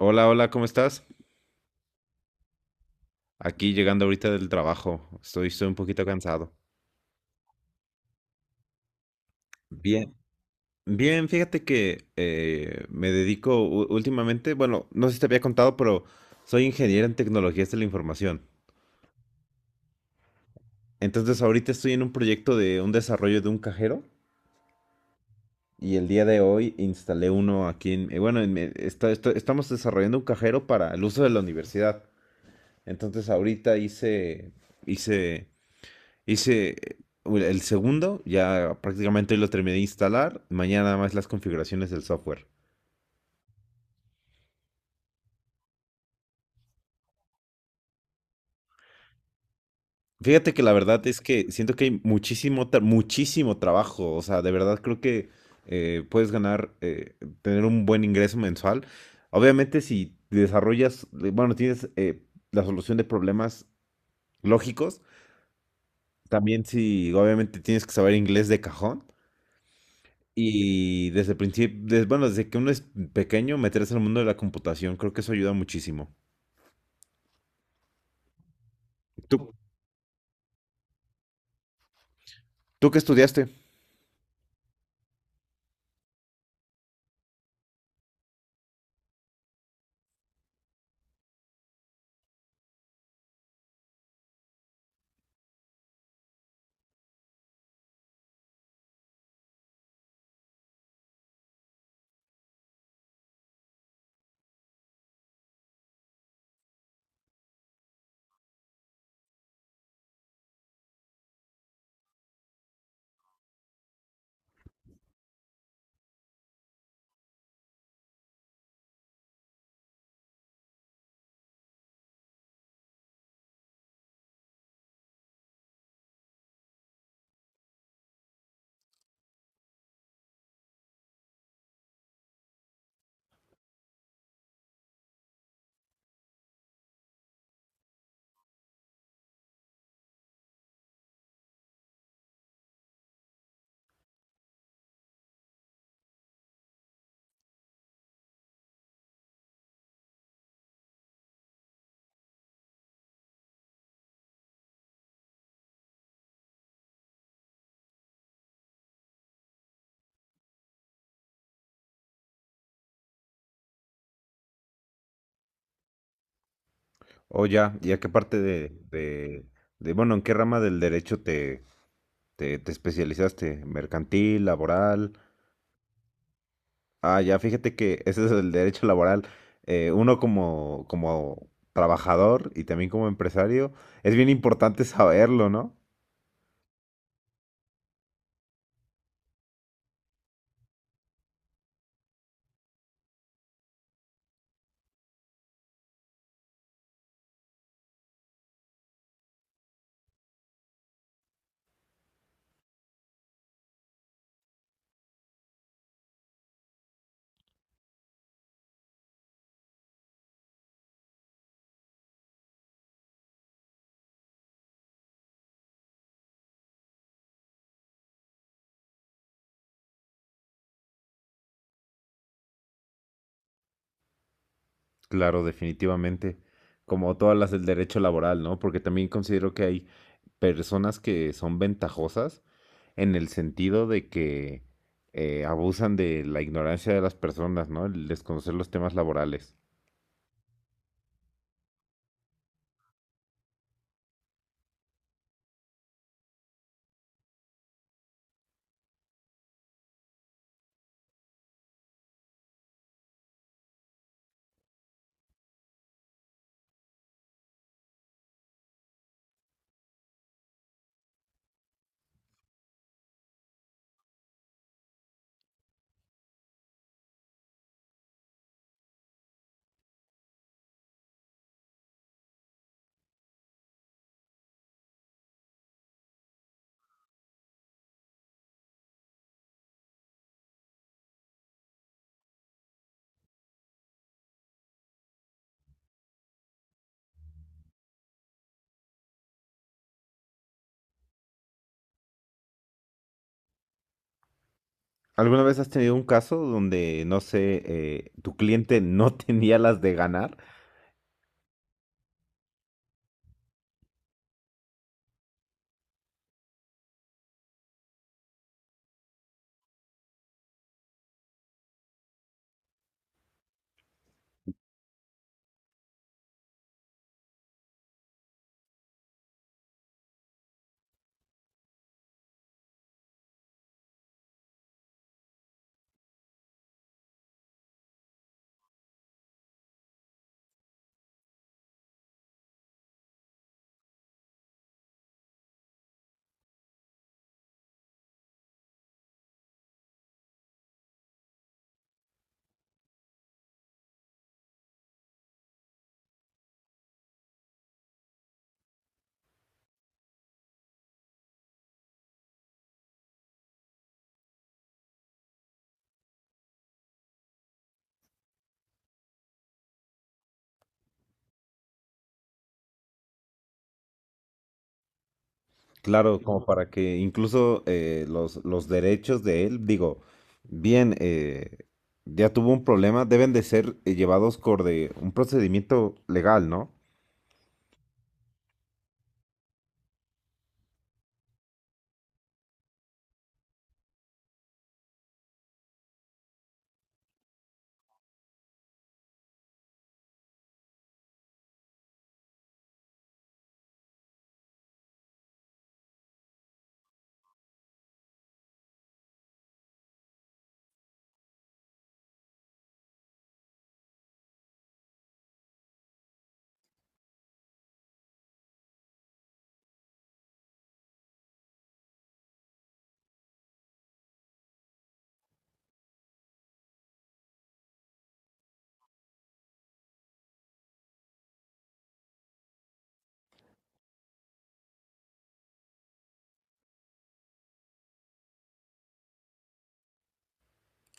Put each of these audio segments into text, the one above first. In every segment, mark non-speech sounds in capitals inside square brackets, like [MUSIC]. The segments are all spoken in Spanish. Hola, hola, ¿cómo estás? Aquí llegando ahorita del trabajo. Estoy un poquito cansado. Bien. Bien, fíjate que me dedico últimamente, bueno, no sé si te había contado, pero soy ingeniero en tecnologías de la información. Entonces ahorita estoy en un proyecto de un desarrollo de un cajero y el día de hoy instalé uno aquí en, bueno, en estamos desarrollando un cajero para el uso de la universidad. Entonces ahorita hice, hice Hice el segundo, ya prácticamente hoy lo terminé de instalar. Mañana nada más las configuraciones del software. Fíjate que la verdad es que siento que hay muchísimo trabajo. O sea, de verdad creo que puedes ganar, tener un buen ingreso mensual. Obviamente si desarrollas, tienes la solución de problemas lógicos. También si obviamente tienes que saber inglés de cajón. Y desde el principio, bueno, desde que uno es pequeño, meterse en el mundo de la computación, creo que eso ayuda muchísimo. ¿Tú, tú qué estudiaste? O ya, ¿y a qué parte de, bueno, en qué rama del derecho te especializaste? ¿Mercantil, laboral? Ah, ya, fíjate que ese es el derecho laboral. Uno como, como trabajador y también como empresario, es bien importante saberlo, ¿no? Claro, definitivamente. Como todas las del derecho laboral, ¿no? Porque también considero que hay personas que son ventajosas en el sentido de que abusan de la ignorancia de las personas, ¿no? El desconocer los temas laborales. ¿Alguna vez has tenido un caso donde, no sé, tu cliente no [LAUGHS] tenía las de ganar? Claro, como para que incluso los derechos de él, digo, bien, ya tuvo un problema, deben de ser llevados por de un procedimiento legal, ¿no?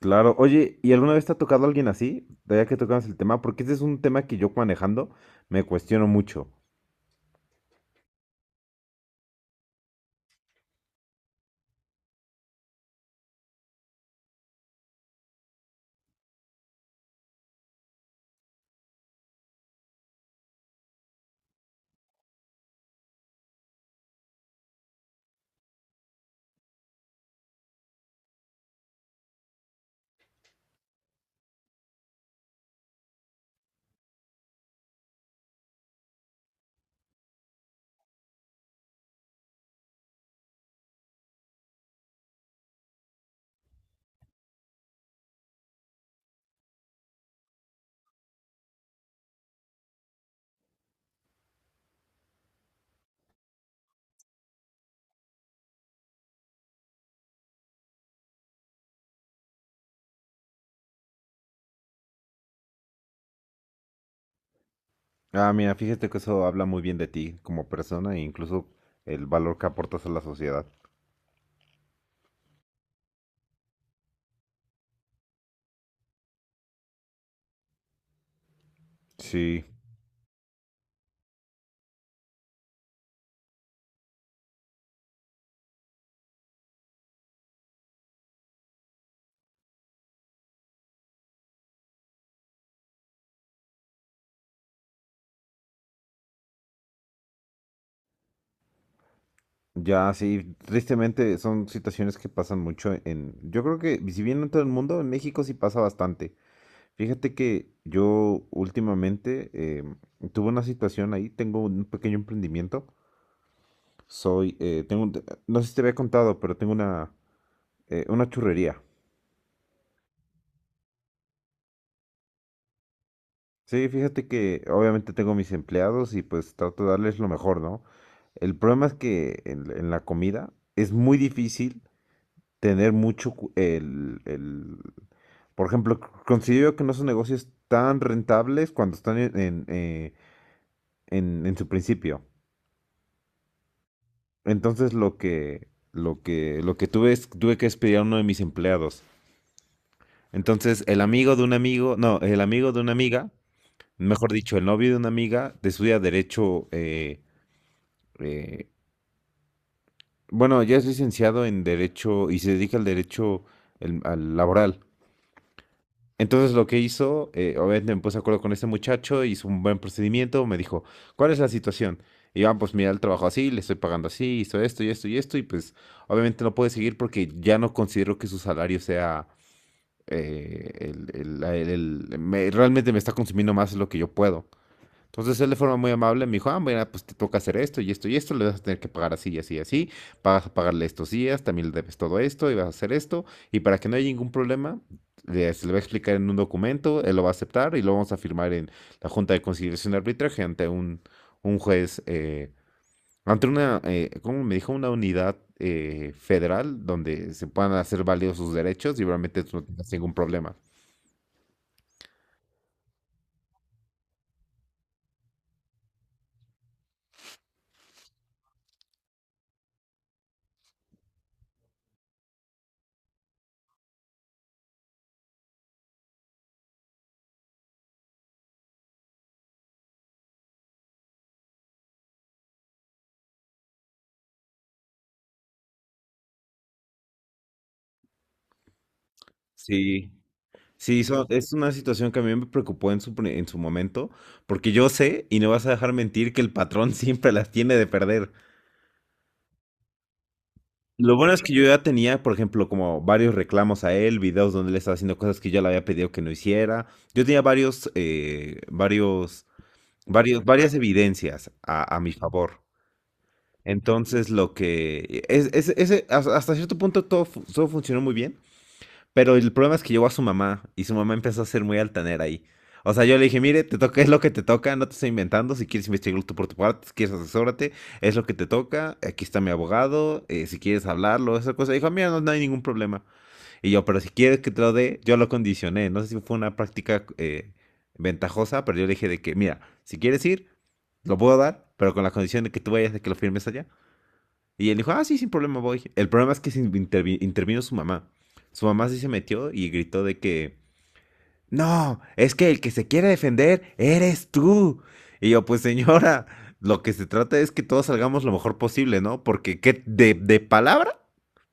Claro, oye, ¿y alguna vez te ha tocado alguien así? Ya que tocamos el tema, porque este es un tema que yo manejando me cuestiono mucho. Ah, mira, fíjate que eso habla muy bien de ti como persona e incluso el valor que aportas a la sociedad. Sí. Ya, sí, tristemente son situaciones que pasan mucho en... Yo creo que si bien no en todo el mundo, en México sí pasa bastante. Fíjate que yo últimamente tuve una situación ahí, tengo un pequeño emprendimiento, soy, no sé si te había contado, pero tengo una churrería. Sí, fíjate que obviamente tengo mis empleados y pues trato de darles lo mejor, ¿no? El problema es que en la comida es muy difícil tener mucho cu- el- Por ejemplo, considero que no son negocios tan rentables cuando están en, en su principio. Entonces lo que tuve es, tuve que despedir a uno de mis empleados. Entonces, el amigo de un amigo, no, el amigo de una amiga, mejor dicho, el novio de una amiga, estudia derecho, eh, bueno, ya es licenciado en derecho y se dedica al derecho al laboral. Entonces lo que hizo, obviamente me puse de acuerdo con este muchacho, hizo un buen procedimiento, me dijo, ¿cuál es la situación? Y yo, "Ah, pues mira, el trabajo así, le estoy pagando así, hizo esto y esto y esto, y pues obviamente no puede seguir porque ya no considero que su salario sea eh, el- el- la- el- realmente me está consumiendo más de lo que yo puedo. Entonces él de forma muy amable me dijo, ah, mira, pues te toca hacer esto y esto y esto, le vas a tener que pagar así y así y así, vas a pagarle estos días, también le debes todo esto y vas a hacer esto, y para que no haya ningún problema, se le va a explicar en un documento, él lo va a aceptar y lo vamos a firmar en la Junta de Conciliación y Arbitraje ante un juez, ante una, ¿cómo me dijo? Una unidad federal donde se puedan hacer válidos sus derechos y realmente tú no tengas ningún problema. Sí. Sí, es una situación que a mí me preocupó en en su momento, porque yo sé, y no vas a dejar mentir, que el patrón [LAUGHS] siempre las tiene de perder. Lo bueno es que yo ya tenía, por ejemplo, como varios reclamos a él, videos donde él estaba haciendo cosas que yo le había pedido que no hiciera. Yo tenía varias evidencias a mi favor. Entonces, lo que... es- ese- hasta hasta cierto punto todo funcionó muy bien. Pero el problema es que llegó a su mamá y su mamá empezó a ser muy altanera ahí. O sea, yo le dije, mire, te toca, es lo que te toca, no te estoy inventando, si quieres investigarlo tú por tu parte, si quieres asesórate, es lo que te toca, aquí está mi abogado, si quieres hablarlo, esa cosa. Dijo, mira, no, no hay ningún problema. Y yo, pero si quieres que te lo dé, yo lo condicioné, no sé si fue una práctica ventajosa, pero yo le dije de que, mira, si quieres ir, lo puedo dar, pero con la condición de que tú vayas, de que lo firmes allá. Y él dijo, ah, sí, sin problema voy. El problema es que se intervino su mamá. Su mamá sí se metió y gritó de que, no, es que el que se quiere defender eres tú. Y yo, pues señora, lo que se trata es que todos salgamos lo mejor posible, ¿no? Porque de palabra,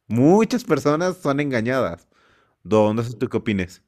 muchas personas son engañadas. Don, no sé tú qué opines.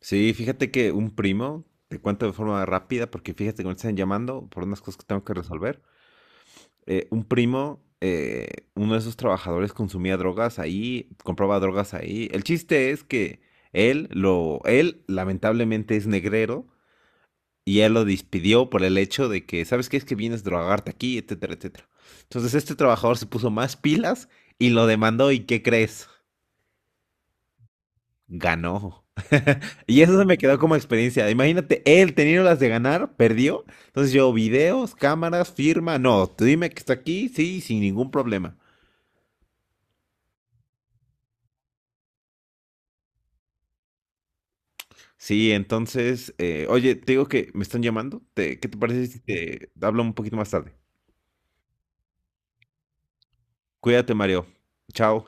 Sí, fíjate que un primo, te cuento de forma rápida, porque fíjate que me están llamando por unas cosas que tengo que resolver. Eh, un primo, uno de esos trabajadores consumía drogas ahí, compraba drogas ahí. El chiste es que él lamentablemente es negrero y él lo despidió por el hecho de que, ¿sabes qué? Es que vienes a drogarte aquí, etcétera, etcétera. Entonces este trabajador se puso más pilas y lo demandó y ¿qué crees? Ganó. [LAUGHS] Y eso se me quedó como experiencia. Imagínate, él teniendo las de ganar, perdió. Entonces yo, videos, cámaras, firma, no, tú dime que está aquí, sí, sin ningún problema. Sí, entonces, oye, te digo que me están llamando. ¿Qué te parece si te hablo un poquito más tarde? Cuídate, Mario. Chao.